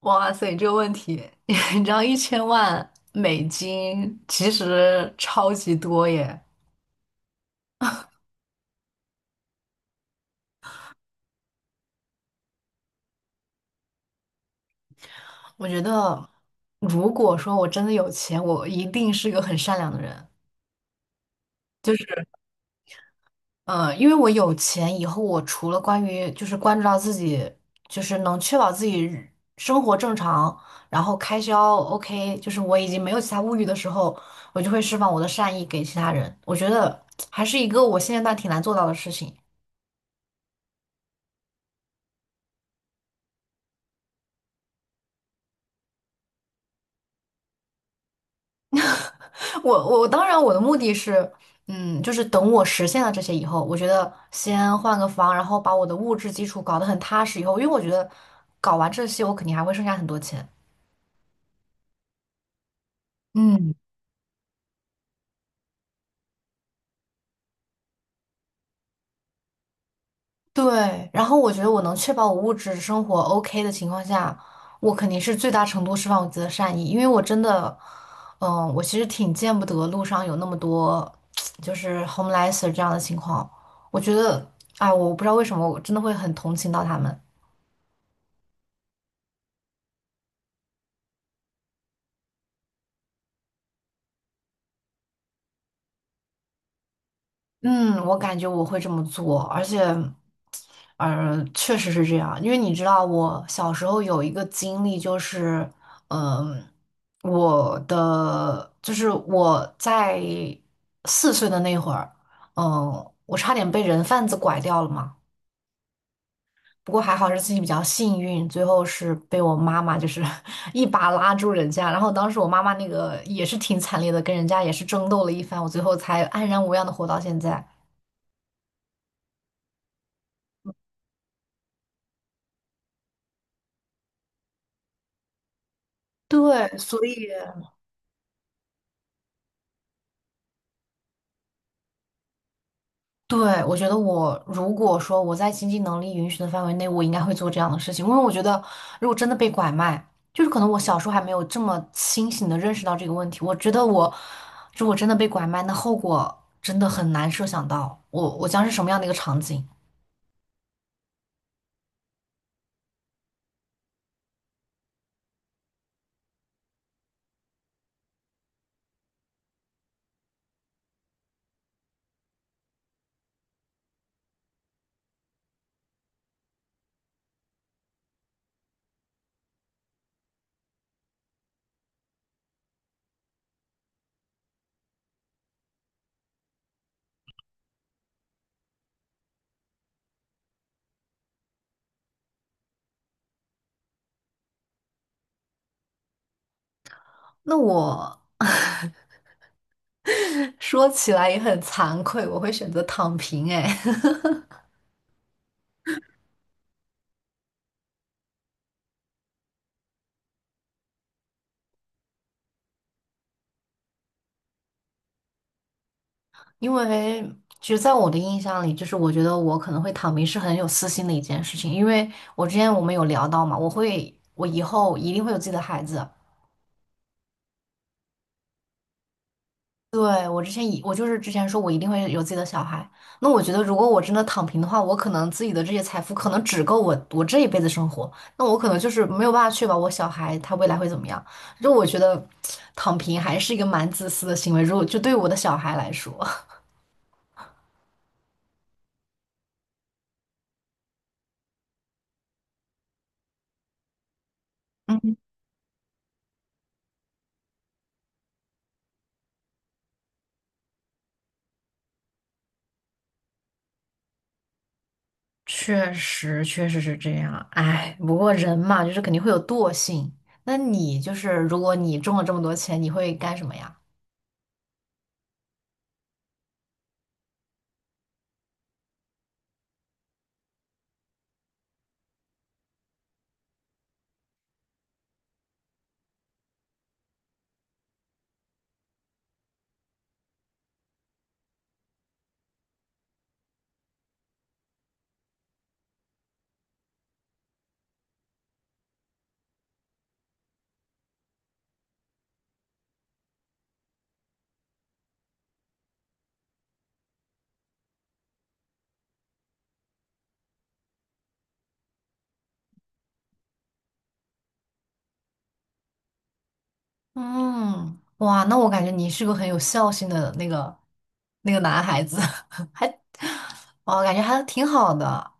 哇塞，这个问题，你知道1000万美金其实超级多耶。我觉得，如果说我真的有钱，我一定是个很善良的人。就是，因为我有钱以后，我除了关注到自己，就是能确保自己生活正常，然后开销 OK，就是我已经没有其他物欲的时候，我就会释放我的善意给其他人。我觉得还是一个我现阶段挺难做到的事情。当然我的目的是，嗯，就是等我实现了这些以后，我觉得先换个房，然后把我的物质基础搞得很踏实以后，因为我觉得搞完这些，我肯定还会剩下很多钱。嗯，对，然后我觉得我能确保我物质生活 OK 的情况下，我肯定是最大程度释放我自己的善意，因为我真的，嗯，我其实挺见不得路上有那么多 就是 homeless 这样的情况，我觉得，哎，我不知道为什么，我真的会很同情到他们。嗯，我感觉我会这么做，确实是这样，因为你知道，我小时候有一个经历，嗯、我在4岁的那会儿，我差点被人贩子拐掉了嘛，不过还好是自己比较幸运，最后是被我妈妈就是 一把拉住人家，然后当时我妈妈那个也是挺惨烈的，跟人家也是争斗了一番，我最后才安然无恙的活到现在。对，所以。对，我觉得我如果说我在经济能力允许的范围内，我应该会做这样的事情，因为我觉得如果真的被拐卖，就是可能我小时候还没有这么清醒的认识到这个问题。我觉得我如果真的被拐卖，那后果真的很难设想到，我将是什么样的一个场景。那我 说起来也很惭愧，我会选择躺平，哎。因为其实在我的印象里，就是我觉得我可能会躺平是很有私心的一件事情，因为我之前我们有聊到嘛，我以后一定会有自己的孩子。对，我之前以我就是之前说我一定会有自己的小孩，那我觉得如果我真的躺平的话，我可能自己的这些财富可能只够我这一辈子生活，那我可能就是没有办法确保我小孩他未来会怎么样。就我觉得躺平还是一个蛮自私的行为，如果就对我的小孩来说。确实，确实是这样。哎，不过人嘛，就是肯定会有惰性。那你就是，如果你中了这么多钱，你会干什么呀？嗯，哇，那我感觉你是个很有孝心的那个男孩子，还，哦，感觉还挺好的。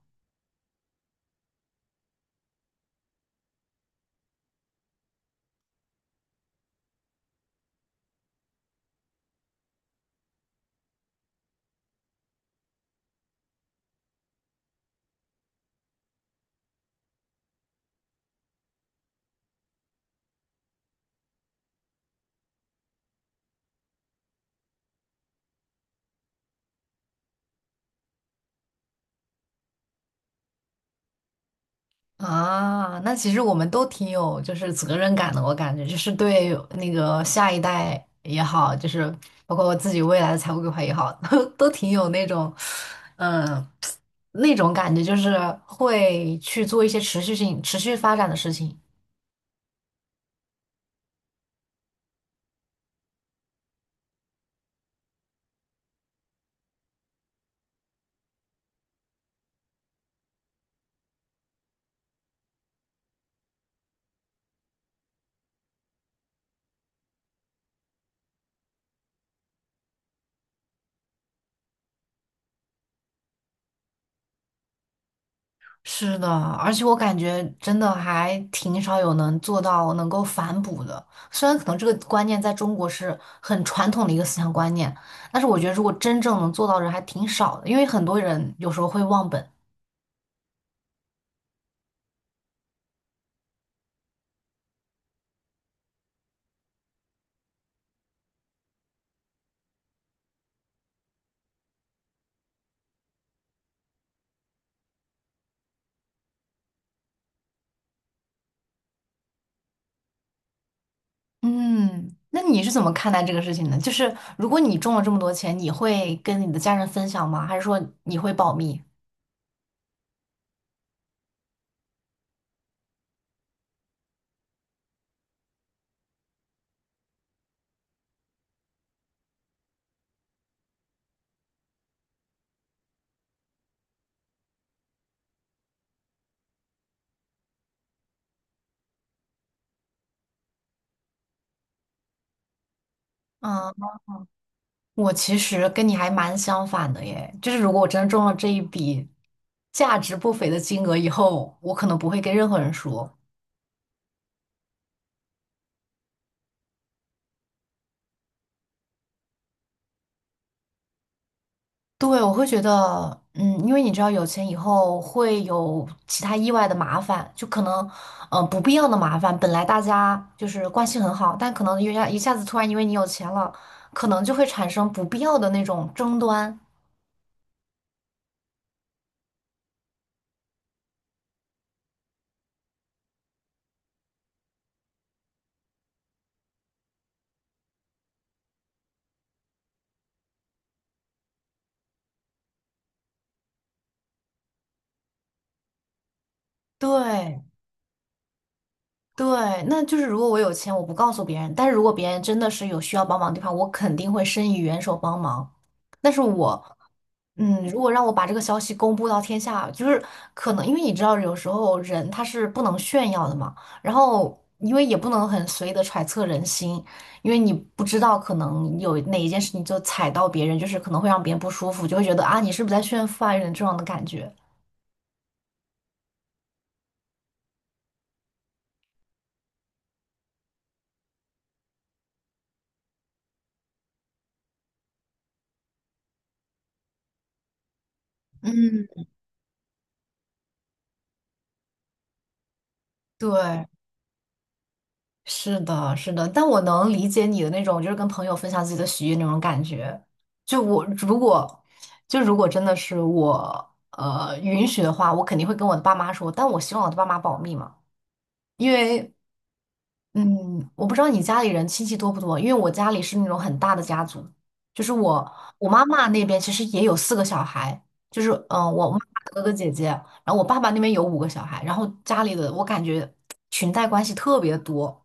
啊，那其实我们都挺有就是责任感的，我感觉就是对那个下一代也好，就是包括我自己未来的财务规划也好，都挺有那种，嗯，那种感觉，就是会去做一些持续性、持续发展的事情。是的，而且我感觉真的还挺少有能做到能够反哺的。虽然可能这个观念在中国是很传统的一个思想观念，但是我觉得如果真正能做到的人还挺少的，因为很多人有时候会忘本。嗯，那你是怎么看待这个事情的？就是如果你中了这么多钱，你会跟你的家人分享吗？还是说你会保密？嗯。我其实跟你还蛮相反的耶，就是如果我真的中了这一笔价值不菲的金额以后，我可能不会跟任何人说。对，我会觉得，嗯，因为你知道有钱以后会有其他意外的麻烦，就可能，呃，不必要的麻烦。本来大家就是关系很好，但可能一下子突然因为你有钱了，可能就会产生不必要的那种争端。对，对，那就是如果我有钱，我不告诉别人，但是如果别人真的是有需要帮忙的地方，我肯定会伸以援手帮忙。但是我，嗯，如果让我把这个消息公布到天下，就是可能因为你知道，有时候人他是不能炫耀的嘛，然后因为也不能很随意的揣测人心，因为你不知道可能有哪一件事情就踩到别人，就是可能会让别人不舒服，就会觉得啊，你是不是在炫富啊，有点这样的感觉。嗯，对，是的，是的，但我能理解你的那种，就是跟朋友分享自己的喜悦那种感觉。就我如果，就如果真的是我，允许的话，我肯定会跟我的爸妈说，但我希望我的爸妈保密嘛，因为，嗯，我不知道你家里人亲戚多不多，因为我家里是那种很大的家族，就是我我妈妈那边其实也有4个小孩，我妈妈的哥哥姐姐，然后我爸爸那边有5个小孩，然后家里的我感觉裙带关系特别多。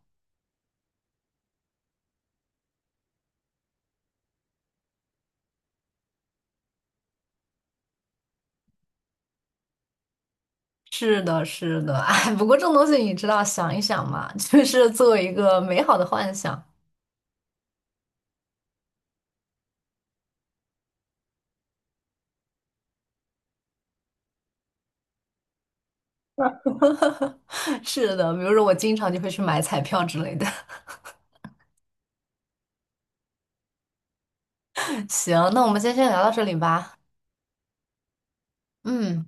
是的，是的，哎，不过这种东西你知道，想一想嘛，就是作为一个美好的幻想。是的，比如说我经常就会去买彩票之类的。行，那我们今天先聊到这里吧。嗯，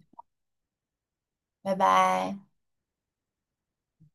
拜拜。